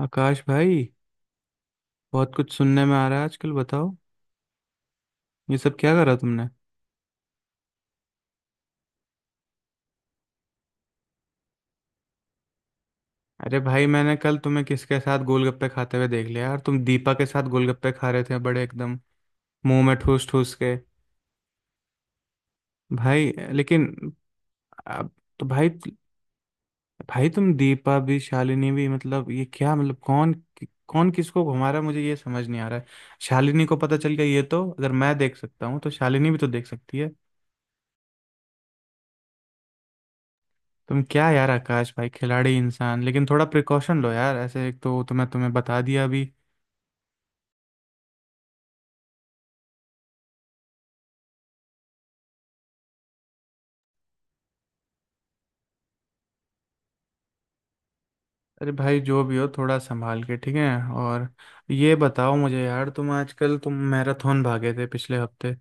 आकाश भाई, बहुत कुछ सुनने में आ रहा है आजकल। बताओ, ये सब क्या करा तुमने? अरे भाई, मैंने कल तुम्हें किसके साथ गोलगप्पे खाते हुए देख लिया? यार तुम दीपा के साथ गोलगप्पे खा रहे थे, बड़े एकदम मुंह में ठूस ठूस के। भाई लेकिन अब तो भाई, भाई तुम दीपा भी शालिनी भी, मतलब ये क्या? मतलब कौन कौन किसको घुमा रहा है, मुझे ये समझ नहीं आ रहा है। शालिनी को पता चल गया ये तो, अगर मैं देख सकता हूँ तो शालिनी भी तो देख सकती है। तुम क्या यार आकाश भाई, खिलाड़ी इंसान, लेकिन थोड़ा प्रिकॉशन लो यार ऐसे। एक तो तुम्हें तुम्हें बता दिया अभी। अरे भाई जो भी हो, थोड़ा संभाल के, ठीक है। और ये बताओ मुझे यार, तुम मैराथन भागे थे पिछले हफ्ते।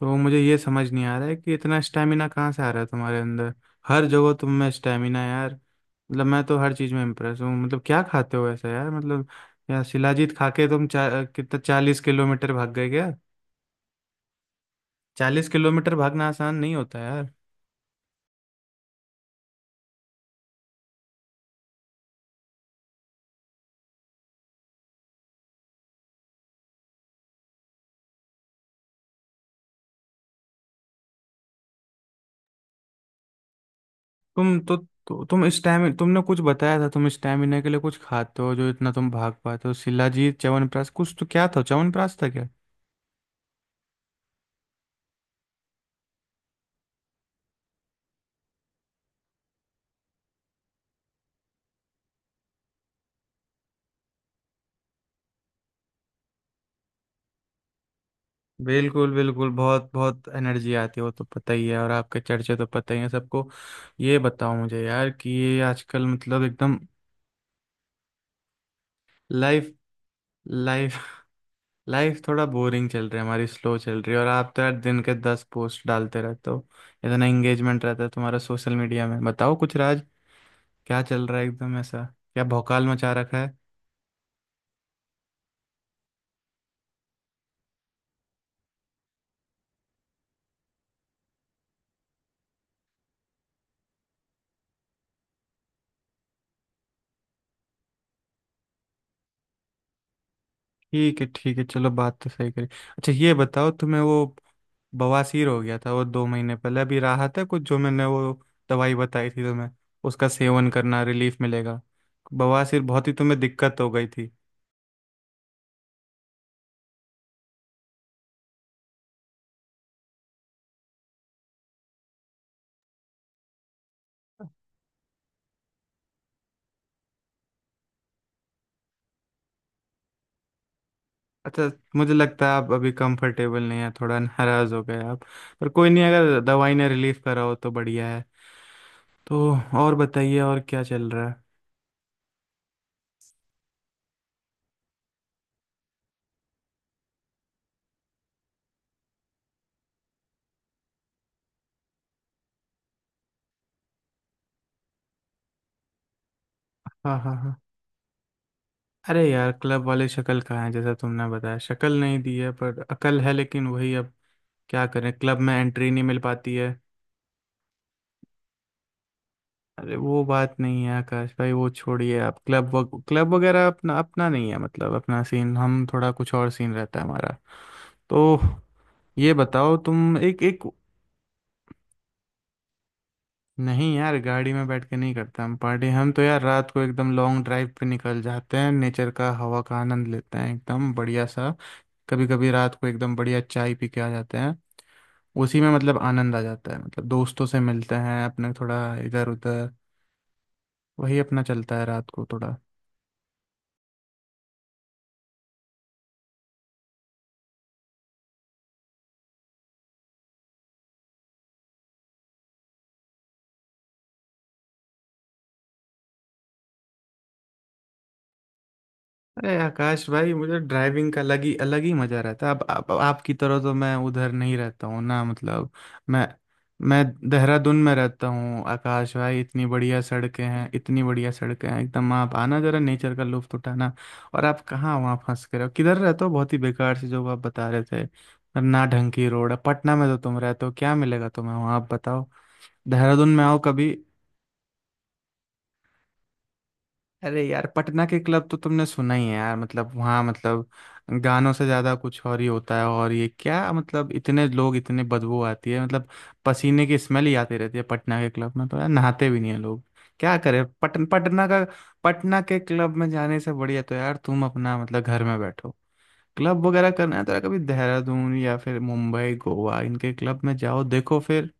तो मुझे ये समझ नहीं आ रहा है कि इतना स्टेमिना कहाँ से आ रहा है तुम्हारे अंदर। हर जगह तुम में स्टेमिना यार। मतलब मैं तो हर चीज में इम्प्रेस हूँ, मतलब क्या खाते हो ऐसा यार मतलब। यार शिलाजीत खा के तुम कितना 40 किलोमीटर भाग गए क्या? 40 किलोमीटर भागना आसान नहीं होता यार। तुम तो, तुमने कुछ बताया था, तुम स्टैमिना के लिए कुछ खाते हो जो इतना तुम भाग पाते हो। शिलाजीत च्यवनप्राश कुछ तो क्या था, च्यवनप्राश था क्या? बिल्कुल बिल्कुल, बहुत बहुत एनर्जी आती है वो तो पता ही है, और आपके चर्चे तो पता ही है सबको। ये बताओ मुझे यार कि ये आजकल मतलब एकदम। लाइफ लाइफ लाइफ थोड़ा बोरिंग चल रही है हमारी, स्लो चल रही है, और आप तो यार दिन के 10 पोस्ट डालते रहते हो। इतना एंगेजमेंट रहता है तुम्हारा सोशल मीडिया में, बताओ कुछ राज, क्या चल रहा है एकदम ऐसा? क्या भौकाल मचा रखा है? ठीक है ठीक है, चलो बात तो सही करी। अच्छा ये बताओ, तुम्हें वो बवासीर हो गया था वो 2 महीने पहले, अभी राहत है कुछ? जो मैंने वो दवाई बताई थी तुम्हें, उसका सेवन करना, रिलीफ मिलेगा। बवासीर बहुत ही तुम्हें दिक्कत हो गई थी। अच्छा। मुझे लगता है आप अभी कंफर्टेबल नहीं है, थोड़ा नाराज हो गए आप। पर कोई नहीं, अगर दवाई ने रिलीफ करा हो तो बढ़िया है। तो और बताइए, और क्या चल रहा है? हाँ हाँ हाँ। अरे यार क्लब वाले, शक्ल कहाँ है जैसा तुमने बताया? शक्ल नहीं दी है पर अकल है, लेकिन वही अब क्या करें, क्लब में एंट्री नहीं मिल पाती है। अरे वो बात नहीं है आकाश भाई, वो छोड़िए। आप क्लब वगैरह अपना अपना नहीं है, मतलब अपना सीन, हम थोड़ा कुछ और सीन रहता है हमारा। तो ये बताओ तुम, एक एक। नहीं यार गाड़ी में बैठ के नहीं करते हम पार्टी, हम तो यार रात को एकदम लॉन्ग ड्राइव पे निकल जाते हैं, नेचर का हवा का आनंद लेते हैं एकदम बढ़िया सा। कभी कभी रात को एकदम बढ़िया चाय पी के आ जाते हैं। उसी में मतलब आनंद आ जाता है, मतलब दोस्तों से मिलते हैं अपने, थोड़ा इधर उधर, वही अपना चलता है रात को थोड़ा। अरे आकाश भाई, मुझे ड्राइविंग का अलग ही मजा रहता है। अब आपकी तरह तो मैं उधर नहीं रहता हूँ ना मतलब। मैं मैं देहरादून में रहता हूँ आकाश भाई, इतनी बढ़िया सड़कें हैं, इतनी बढ़िया सड़कें हैं एकदम। आप आना जरा, नेचर का लुत्फ उठाना। और आप कहाँ वहाँ फंस के रहो, किधर रहते हो बहुत ही बेकार सी, जो आप बता रहे थे। ना ढंग की रोड है पटना में, तो तुम रहते हो, क्या मिलेगा तुम्हें वहाँ, आप बताओ। देहरादून में आओ कभी। अरे यार पटना के क्लब तो तुमने सुना ही है यार, मतलब वहाँ मतलब गानों से ज्यादा कुछ और ही होता है। और ये क्या मतलब, इतने लोग, इतने बदबू आती है मतलब, पसीने की स्मेल ही आती रहती है पटना के क्लब में। तो यार नहाते भी नहीं है लोग। क्या करें, पट, पटना का पटना के क्लब में जाने से बढ़िया तो यार तुम अपना मतलब घर में बैठो। क्लब वगैरह करना है तो यार कभी देहरादून या फिर मुंबई गोवा, इनके क्लब में जाओ, देखो फिर।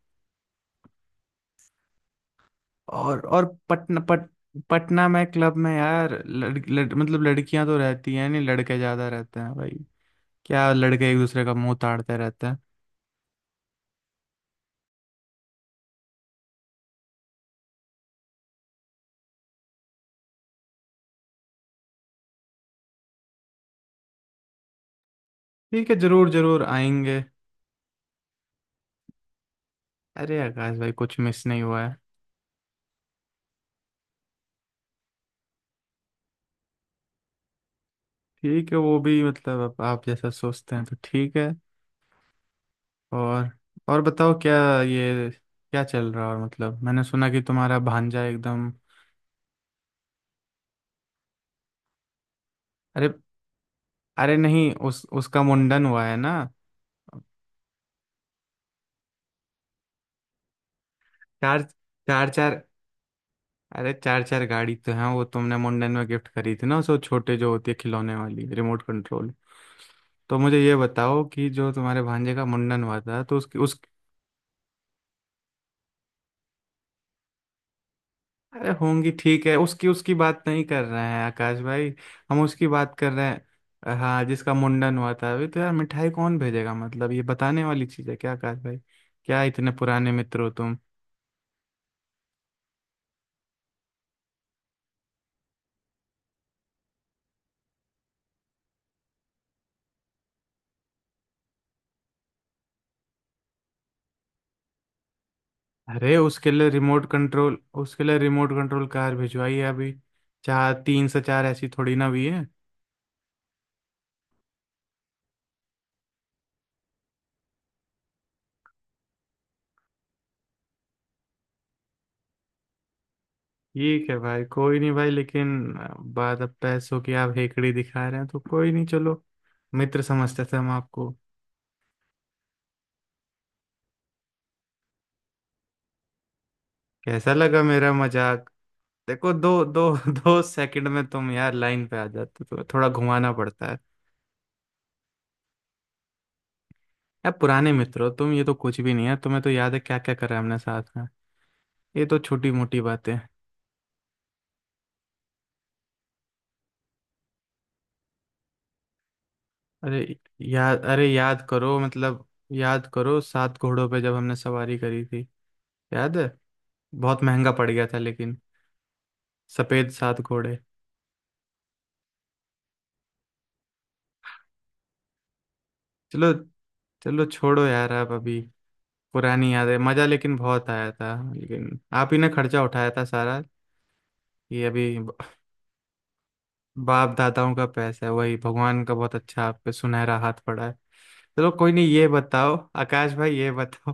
और पटना में क्लब में यार लड़, लड़, मतलब लड़कियां तो रहती हैं नहीं, लड़के ज्यादा रहते हैं भाई। क्या लड़के एक दूसरे का मुंह ताड़ते रहते हैं? ठीक है, जरूर जरूर आएंगे। अरे आकाश भाई, कुछ मिस नहीं हुआ है। ठीक है, वो भी मतलब आप जैसा सोचते हैं तो ठीक है। और और बताओ क्या, ये क्या चल रहा है, और मतलब मैंने सुना कि तुम्हारा भांजा एकदम। अरे अरे नहीं, उस उसका मुंडन हुआ है ना। चार, चार चार! अरे चार चार गाड़ी तो हैं, वो तुमने मुंडन में गिफ्ट करी थी ना, उस वो छोटे जो होती है खिलौने वाली, रिमोट कंट्रोल। तो मुझे ये बताओ कि जो तुम्हारे भांजे का मुंडन हुआ था तो उसकी उस अरे होंगी ठीक है, उसकी उसकी बात नहीं कर रहे हैं आकाश भाई। हम उसकी बात कर रहे हैं हाँ, जिसका मुंडन हुआ था अभी। तो यार मिठाई कौन भेजेगा, मतलब ये बताने वाली चीज़ है क्या आकाश भाई? क्या इतने पुराने मित्र हो तुम! अरे उसके लिए रिमोट कंट्रोल कार भिजवाई है अभी। चार, तीन से चार ऐसी थोड़ी ना हुई है। ठीक है भाई कोई नहीं भाई, लेकिन बात अब पैसों की, आप हेकड़ी दिखा रहे हैं तो कोई नहीं, चलो। मित्र समझते थे हम आपको। कैसा लगा मेरा मजाक? देखो दो दो 2 सेकंड में तुम यार लाइन पे आ जाते हो, तो थोड़ा घुमाना पड़ता है। यार पुराने मित्र हो तुम, ये तो कुछ भी नहीं है। तुम्हें तो याद है क्या क्या करा है हमने साथ में, ये तो छोटी मोटी बातें हैं। अरे अरे याद करो मतलब, याद करो, 7 घोड़ों पे जब हमने सवारी करी थी, याद है? बहुत महंगा पड़ गया था लेकिन, सफेद 7 घोड़े। चलो चलो, छोड़ो यार आप अभी। पुरानी याद है, मजा लेकिन बहुत आया था, लेकिन आप ही ने खर्चा उठाया था सारा। ये अभी। बाप दादाओं का पैसा है, वही भगवान का, बहुत अच्छा आप पे सुनहरा हाथ पड़ा है। चलो कोई नहीं, ये बताओ आकाश भाई, ये बताओ।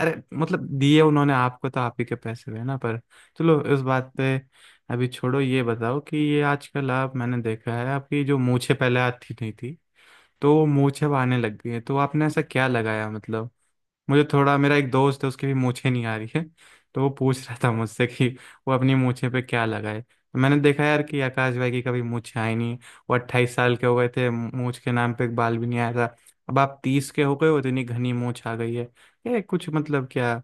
अरे मतलब दिए उन्होंने आपको, तो आप ही के पैसे हुए ना, पर चलो इस बात पे अभी छोड़ो। ये बताओ कि ये आजकल आप, मैंने देखा है आपकी जो मूछें पहले आती नहीं थी, तो वो मूछें अब आने लग गई है, तो आपने ऐसा क्या लगाया मतलब? मुझे थोड़ा, मेरा एक दोस्त है, उसकी भी मूछें नहीं आ रही है, तो वो पूछ रहा था मुझसे कि वो अपनी मूछें पे क्या लगाए। तो मैंने देखा यार कि आकाश भाई की कभी मूछें आई नहीं, वो 28 साल के हो गए थे, मूछ के नाम पे एक बाल भी नहीं आया था। अब आप 30 के हो गए हो, इतनी घनी मूछ आ गई है। ये कुछ मतलब क्या?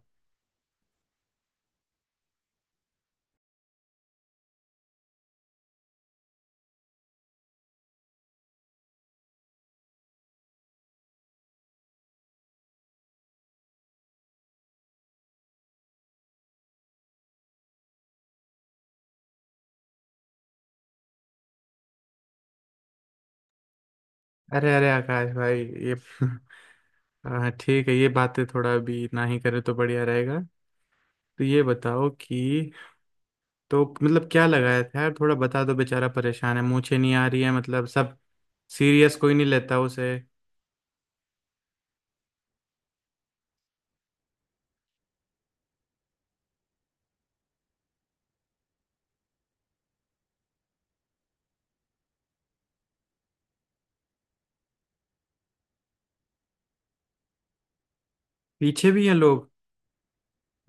अरे अरे आकाश भाई ये हाँ ठीक है, ये बातें थोड़ा अभी ना ही करे तो बढ़िया रहेगा। तो ये बताओ कि तो मतलब क्या लगाया था यार, थोड़ा बता दो, बेचारा परेशान है, मूछें नहीं आ रही है मतलब सब। सीरियस कोई नहीं लेता उसे। पीछे भी हैं लोग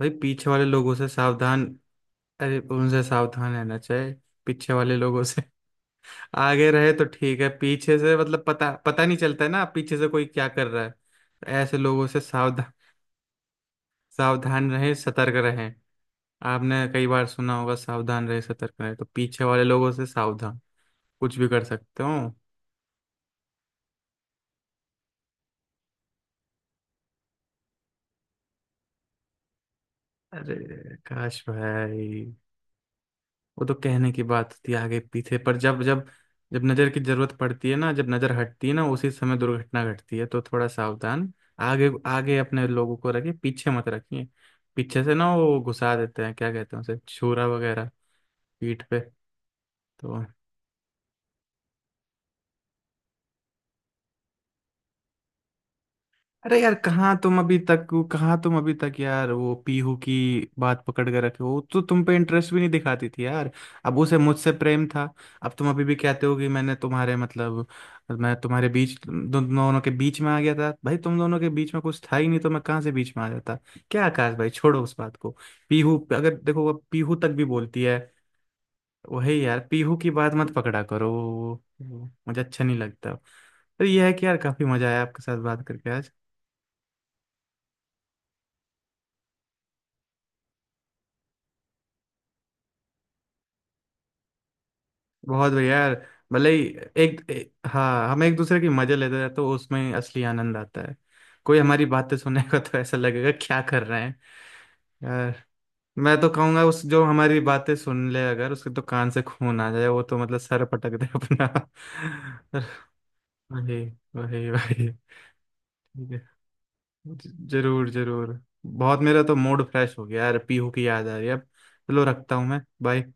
भाई, पीछे वाले लोगों से सावधान। अरे उनसे सावधान रहना चाहिए, पीछे वाले लोगों से। आगे रहे तो ठीक है, पीछे से मतलब पता पता नहीं चलता है ना पीछे से कोई क्या कर रहा है, तो ऐसे लोगों से सावधान। सावधान रहें, सतर्क रहें। आपने कई बार सुना होगा सावधान रहे सतर्क रहे, तो पीछे वाले लोगों से सावधान, कुछ भी कर सकते हो। अरे काश भाई, वो तो कहने की बात होती है आगे पीछे। पर जब जब जब नजर की जरूरत पड़ती है ना, जब नजर हटती है ना, उसी समय दुर्घटना घटती है, तो थोड़ा सावधान। आगे आगे अपने लोगों को रखिए, पीछे मत रखिए। पीछे से ना वो घुसा देते हैं, क्या कहते हैं उसे, छुरा वगैरह पीठ पे। तो अरे यार कहाँ तुम अभी तक यार वो पीहू की बात पकड़ के रखे हो, वो तो तुम पे इंटरेस्ट भी नहीं दिखाती थी यार, अब उसे मुझसे प्रेम था। अब तुम अभी भी कहते हो कि मैंने तुम्हारे मतलब, मैं तुम्हारे बीच, तुम दोनों के बीच में आ गया था। भाई तुम दोनों के बीच में कुछ था ही नहीं, तो मैं कहाँ से बीच में आ जाता? क्या आकाश भाई, छोड़ो उस बात को, अगर देखो अब पीहू तक भी बोलती है। वही यार, पीहू की बात मत पकड़ा करो, मुझे अच्छा नहीं लगता। तो ये है कि यार काफी मजा आया आपके साथ बात करके आज, बहुत बढ़िया यार। भले ही एक हाँ, हम एक दूसरे की मजे लेते हैं तो उसमें असली आनंद आता है। कोई हमारी बातें सुनेगा तो ऐसा लगेगा क्या कर रहे हैं। यार मैं तो कहूंगा उस, जो हमारी बातें सुन ले अगर, उसके तो कान से खून आ जाए, वो तो मतलब सर पटक दे अपना। वही वही वही, ठीक है, जरूर जरूर। बहुत, मेरा तो मूड फ्रेश हो गया यार, पीहू की याद आ रही है अब। चलो रखता हूँ मैं, बाय।